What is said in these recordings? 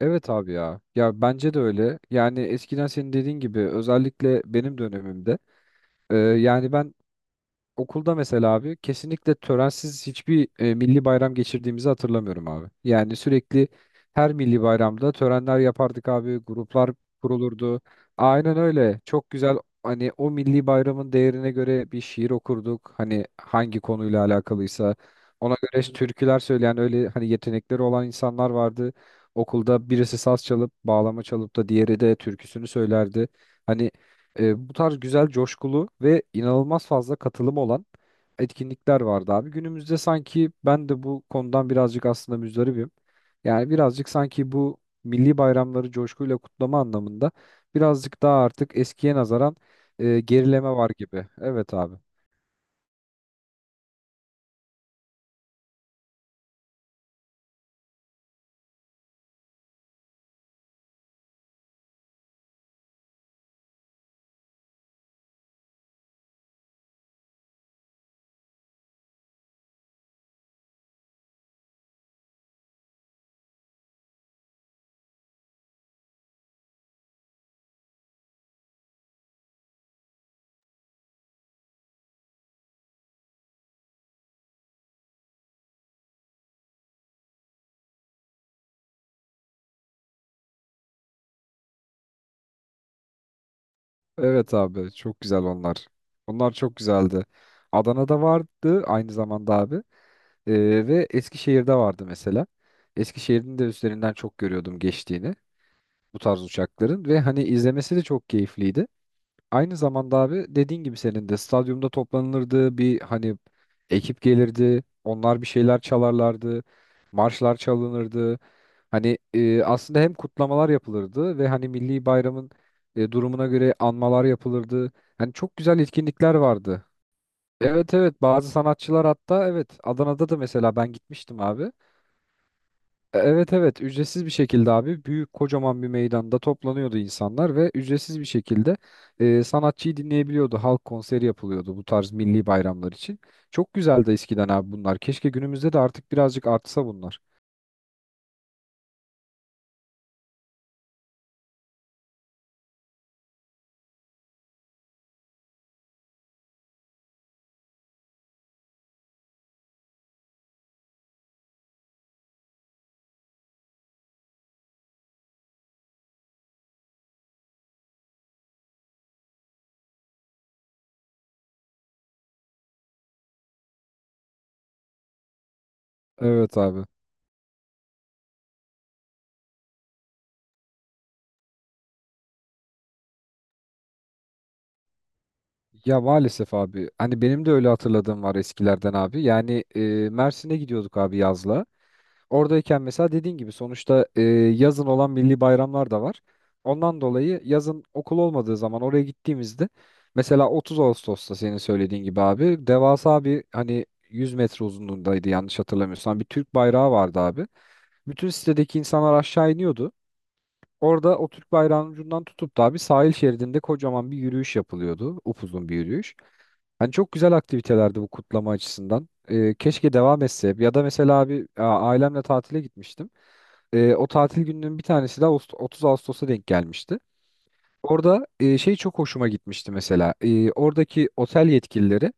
Evet abi ya. Ya bence de öyle. Yani eskiden senin dediğin gibi özellikle benim dönemimde e, yani ben okulda mesela abi kesinlikle törensiz hiçbir milli bayram geçirdiğimizi hatırlamıyorum abi. Yani sürekli her milli bayramda törenler yapardık abi, gruplar kurulurdu. Aynen öyle. Çok güzel hani o milli bayramın değerine göre bir şiir okurduk. Hani hangi konuyla alakalıysa ona göre türküler söyleyen öyle hani yetenekleri olan insanlar vardı. Okulda birisi saz çalıp bağlama çalıp da diğeri de türküsünü söylerdi. Hani bu tarz güzel, coşkulu ve inanılmaz fazla katılım olan etkinlikler vardı abi. Günümüzde sanki ben de bu konudan birazcık aslında müzdaribim. Yani birazcık sanki bu milli bayramları coşkuyla kutlama anlamında birazcık daha artık eskiye nazaran gerileme var gibi. Evet abi. Evet abi. Çok güzel onlar. Onlar çok güzeldi. Adana'da vardı aynı zamanda abi. Ve Eskişehir'de vardı mesela. Eskişehir'in de üstlerinden çok görüyordum geçtiğini. Bu tarz uçakların ve hani izlemesi de çok keyifliydi. Aynı zamanda abi dediğin gibi senin de stadyumda toplanılırdı, bir hani ekip gelirdi, onlar bir şeyler çalarlardı, marşlar çalınırdı. Hani aslında hem kutlamalar yapılırdı ve hani milli bayramın durumuna göre anmalar yapılırdı. Hani çok güzel etkinlikler vardı. Evet, evet, bazı sanatçılar hatta, evet, Adana'da da mesela ben gitmiştim abi. Evet, evet, ücretsiz bir şekilde abi büyük kocaman bir meydanda toplanıyordu insanlar ve ücretsiz bir şekilde sanatçıyı dinleyebiliyordu. Halk konseri yapılıyordu bu tarz milli bayramlar için. Çok güzeldi eskiden abi bunlar. Keşke günümüzde de artık birazcık artsa bunlar. Evet abi. Ya maalesef abi. Hani benim de öyle hatırladığım var eskilerden abi. Mersin'e gidiyorduk abi yazla. Oradayken mesela dediğin gibi sonuçta yazın olan milli bayramlar da var. Ondan dolayı yazın okul olmadığı zaman oraya gittiğimizde mesela 30 Ağustos'ta senin söylediğin gibi abi devasa bir, hani, 100 metre uzunluğundaydı yanlış hatırlamıyorsam, bir Türk bayrağı vardı abi. Bütün sitedeki insanlar aşağı iniyordu. Orada o Türk bayrağının ucundan tutup da abi sahil şeridinde kocaman bir yürüyüş yapılıyordu. Upuzun bir yürüyüş. Hani çok güzel aktivitelerdi bu kutlama açısından. E, keşke devam etse. Ya da mesela abi ailemle tatile gitmiştim. E, o tatil gününün bir tanesi de 30 Ağustos'a denk gelmişti. Orada şey, çok hoşuma gitmişti mesela. E, oradaki otel yetkilileri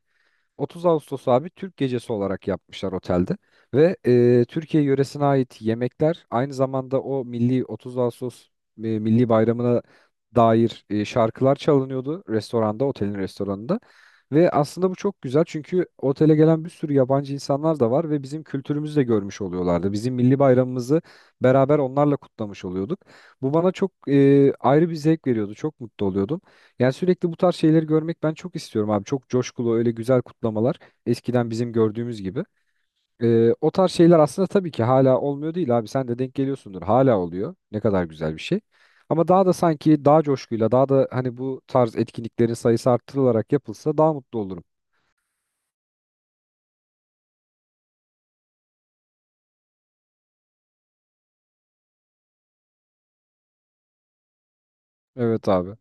30 Ağustos abi Türk gecesi olarak yapmışlar otelde ve Türkiye yöresine ait yemekler, aynı zamanda o milli 30 Ağustos milli bayramına dair şarkılar çalınıyordu restoranda, otelin restoranında. Ve aslında bu çok güzel, çünkü otele gelen bir sürü yabancı insanlar da var ve bizim kültürümüzü de görmüş oluyorlardı. Bizim milli bayramımızı beraber onlarla kutlamış oluyorduk. Bu bana çok ayrı bir zevk veriyordu. Çok mutlu oluyordum. Yani sürekli bu tarz şeyleri görmek ben çok istiyorum abi. Çok coşkulu öyle güzel kutlamalar, eskiden bizim gördüğümüz gibi. O tarz şeyler aslında tabii ki hala olmuyor değil abi. Sen de denk geliyorsundur. Hala oluyor. Ne kadar güzel bir şey. Ama daha da sanki daha coşkuyla, daha da, hani, bu tarz etkinliklerin sayısı arttırılarak yapılsa daha mutlu olurum. Evet abi.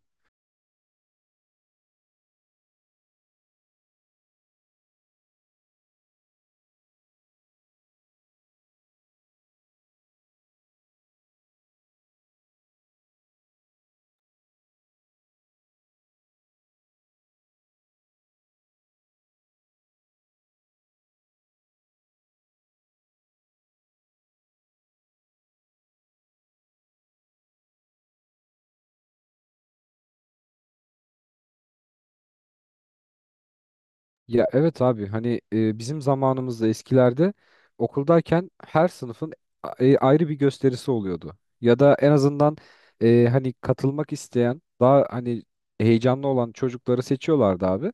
Ya evet abi, hani bizim zamanımızda, eskilerde, okuldayken her sınıfın ayrı bir gösterisi oluyordu. Ya da en azından hani katılmak isteyen, daha hani heyecanlı olan çocukları seçiyorlardı abi.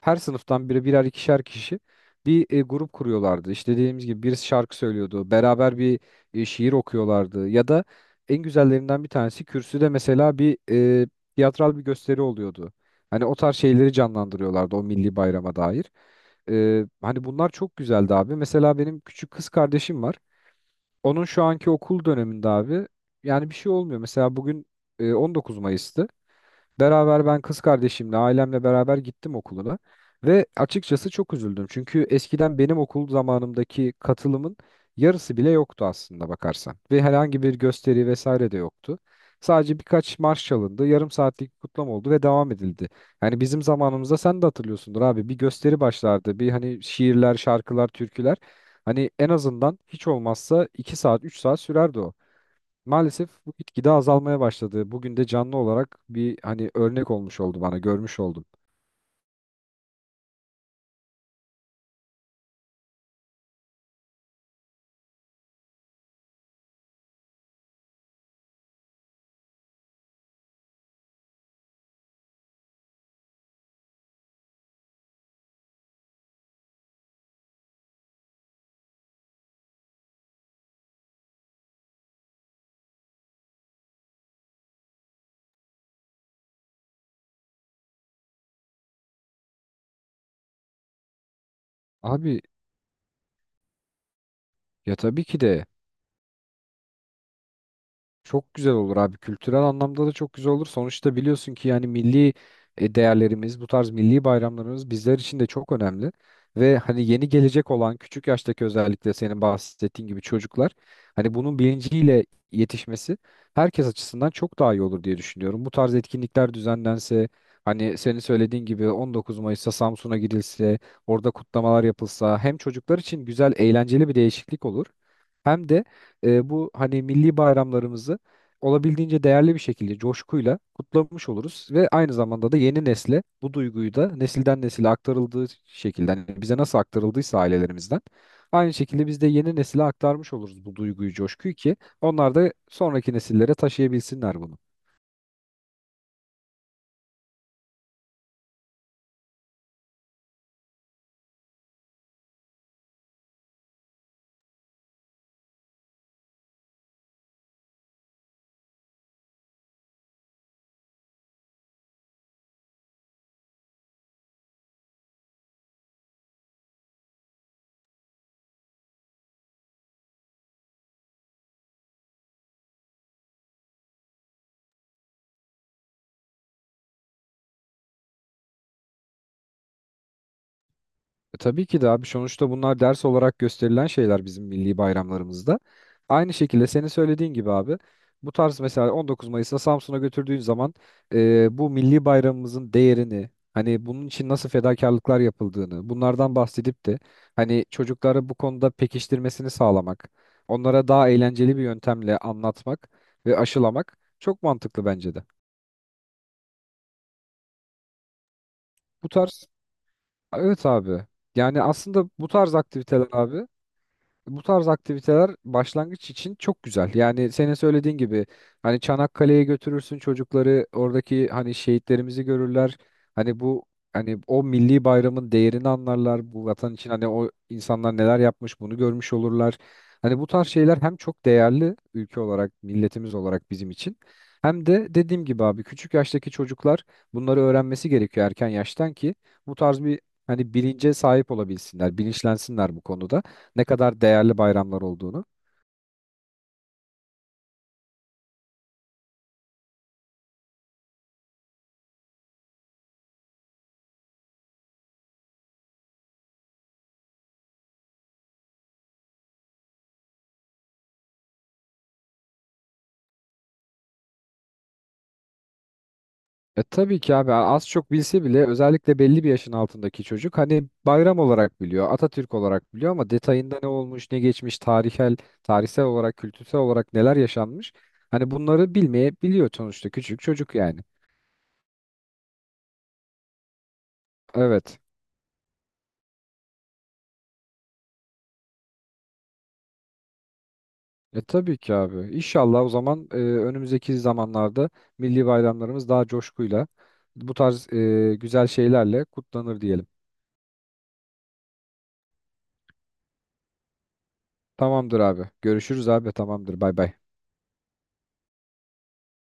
Her sınıftan biri, birer ikişer kişi bir grup kuruyorlardı. İşte dediğimiz gibi birisi şarkı söylüyordu. Beraber bir şiir okuyorlardı. Ya da en güzellerinden bir tanesi kürsüde mesela bir e, tiyatral bir gösteri oluyordu. Hani o tarz şeyleri canlandırıyorlardı o milli bayrama dair. Hani bunlar çok güzeldi abi. Mesela benim küçük kız kardeşim var. Onun şu anki okul döneminde abi yani bir şey olmuyor. Mesela bugün 19 Mayıs'tı. Beraber ben kız kardeşimle, ailemle beraber gittim okuluna ve açıkçası çok üzüldüm. Çünkü eskiden benim okul zamanımdaki katılımın yarısı bile yoktu aslında bakarsan. Ve herhangi bir gösteri vesaire de yoktu. Sadece birkaç marş çalındı, yarım saatlik bir kutlama oldu ve devam edildi. Yani bizim zamanımızda sen de hatırlıyorsundur abi, bir gösteri başlardı. Bir, hani, şiirler, şarkılar, türküler. Hani en azından hiç olmazsa 2 saat, 3 saat sürerdi o. Maalesef bu gitgide azalmaya başladı. Bugün de canlı olarak bir, hani, örnek olmuş oldu bana, görmüş oldum. Abi, ya tabii ki de çok güzel olur abi. Kültürel anlamda da çok güzel olur. Sonuçta biliyorsun ki yani milli değerlerimiz, bu tarz milli bayramlarımız bizler için de çok önemli. Ve hani yeni gelecek olan küçük yaştaki, özellikle senin bahsettiğin gibi, çocuklar hani bunun bilinciyle yetişmesi herkes açısından çok daha iyi olur diye düşünüyorum. Bu tarz etkinlikler düzenlense, hani senin söylediğin gibi 19 Mayıs'ta Samsun'a gidilse, orada kutlamalar yapılsa, hem çocuklar için güzel, eğlenceli bir değişiklik olur. Hem de bu, hani, milli bayramlarımızı olabildiğince değerli bir şekilde coşkuyla kutlamış oluruz ve aynı zamanda da yeni nesle bu duyguyu da, nesilden nesile aktarıldığı şekilde, hani bize nasıl aktarıldıysa ailelerimizden, aynı şekilde biz de yeni nesile aktarmış oluruz bu duyguyu, coşkuyu, ki onlar da sonraki nesillere taşıyabilsinler bunu. E, tabii ki de abi, sonuçta bunlar ders olarak gösterilen şeyler bizim milli bayramlarımızda. Aynı şekilde senin söylediğin gibi abi, bu tarz mesela 19 Mayıs'ta Samsun'a götürdüğün zaman bu milli bayramımızın değerini, hani bunun için nasıl fedakarlıklar yapıldığını, bunlardan bahsedip de hani çocukları bu konuda pekiştirmesini sağlamak, onlara daha eğlenceli bir yöntemle anlatmak ve aşılamak çok mantıklı bence de. Bu tarz evet abi yani aslında bu tarz aktiviteler abi Bu tarz aktiviteler başlangıç için çok güzel. Yani senin söylediğin gibi hani Çanakkale'ye götürürsün çocukları, oradaki hani şehitlerimizi görürler. Hani bu Hani o milli bayramın değerini anlarlar. Bu vatan için hani o insanlar neler yapmış, bunu görmüş olurlar. Hani bu tarz şeyler hem çok değerli, ülke olarak, milletimiz olarak bizim için. Hem de dediğim gibi abi küçük yaştaki çocuklar bunları öğrenmesi gerekiyor erken yaştan, ki bu tarz bir hani bilince sahip olabilsinler, bilinçlensinler bu konuda ne kadar değerli bayramlar olduğunu. E, tabii ki abi, az çok bilse bile, özellikle belli bir yaşın altındaki çocuk hani bayram olarak biliyor, Atatürk olarak biliyor, ama detayında ne olmuş, ne geçmiş, tarihsel olarak, kültürel olarak neler yaşanmış. Hani bunları bilmeyebiliyor sonuçta küçük çocuk yani. Evet. E, tabii ki abi. İnşallah o zaman, önümüzdeki zamanlarda milli bayramlarımız daha coşkuyla bu tarz güzel şeylerle kutlanır diyelim. Tamamdır abi. Görüşürüz abi. Tamamdır. Bay bay.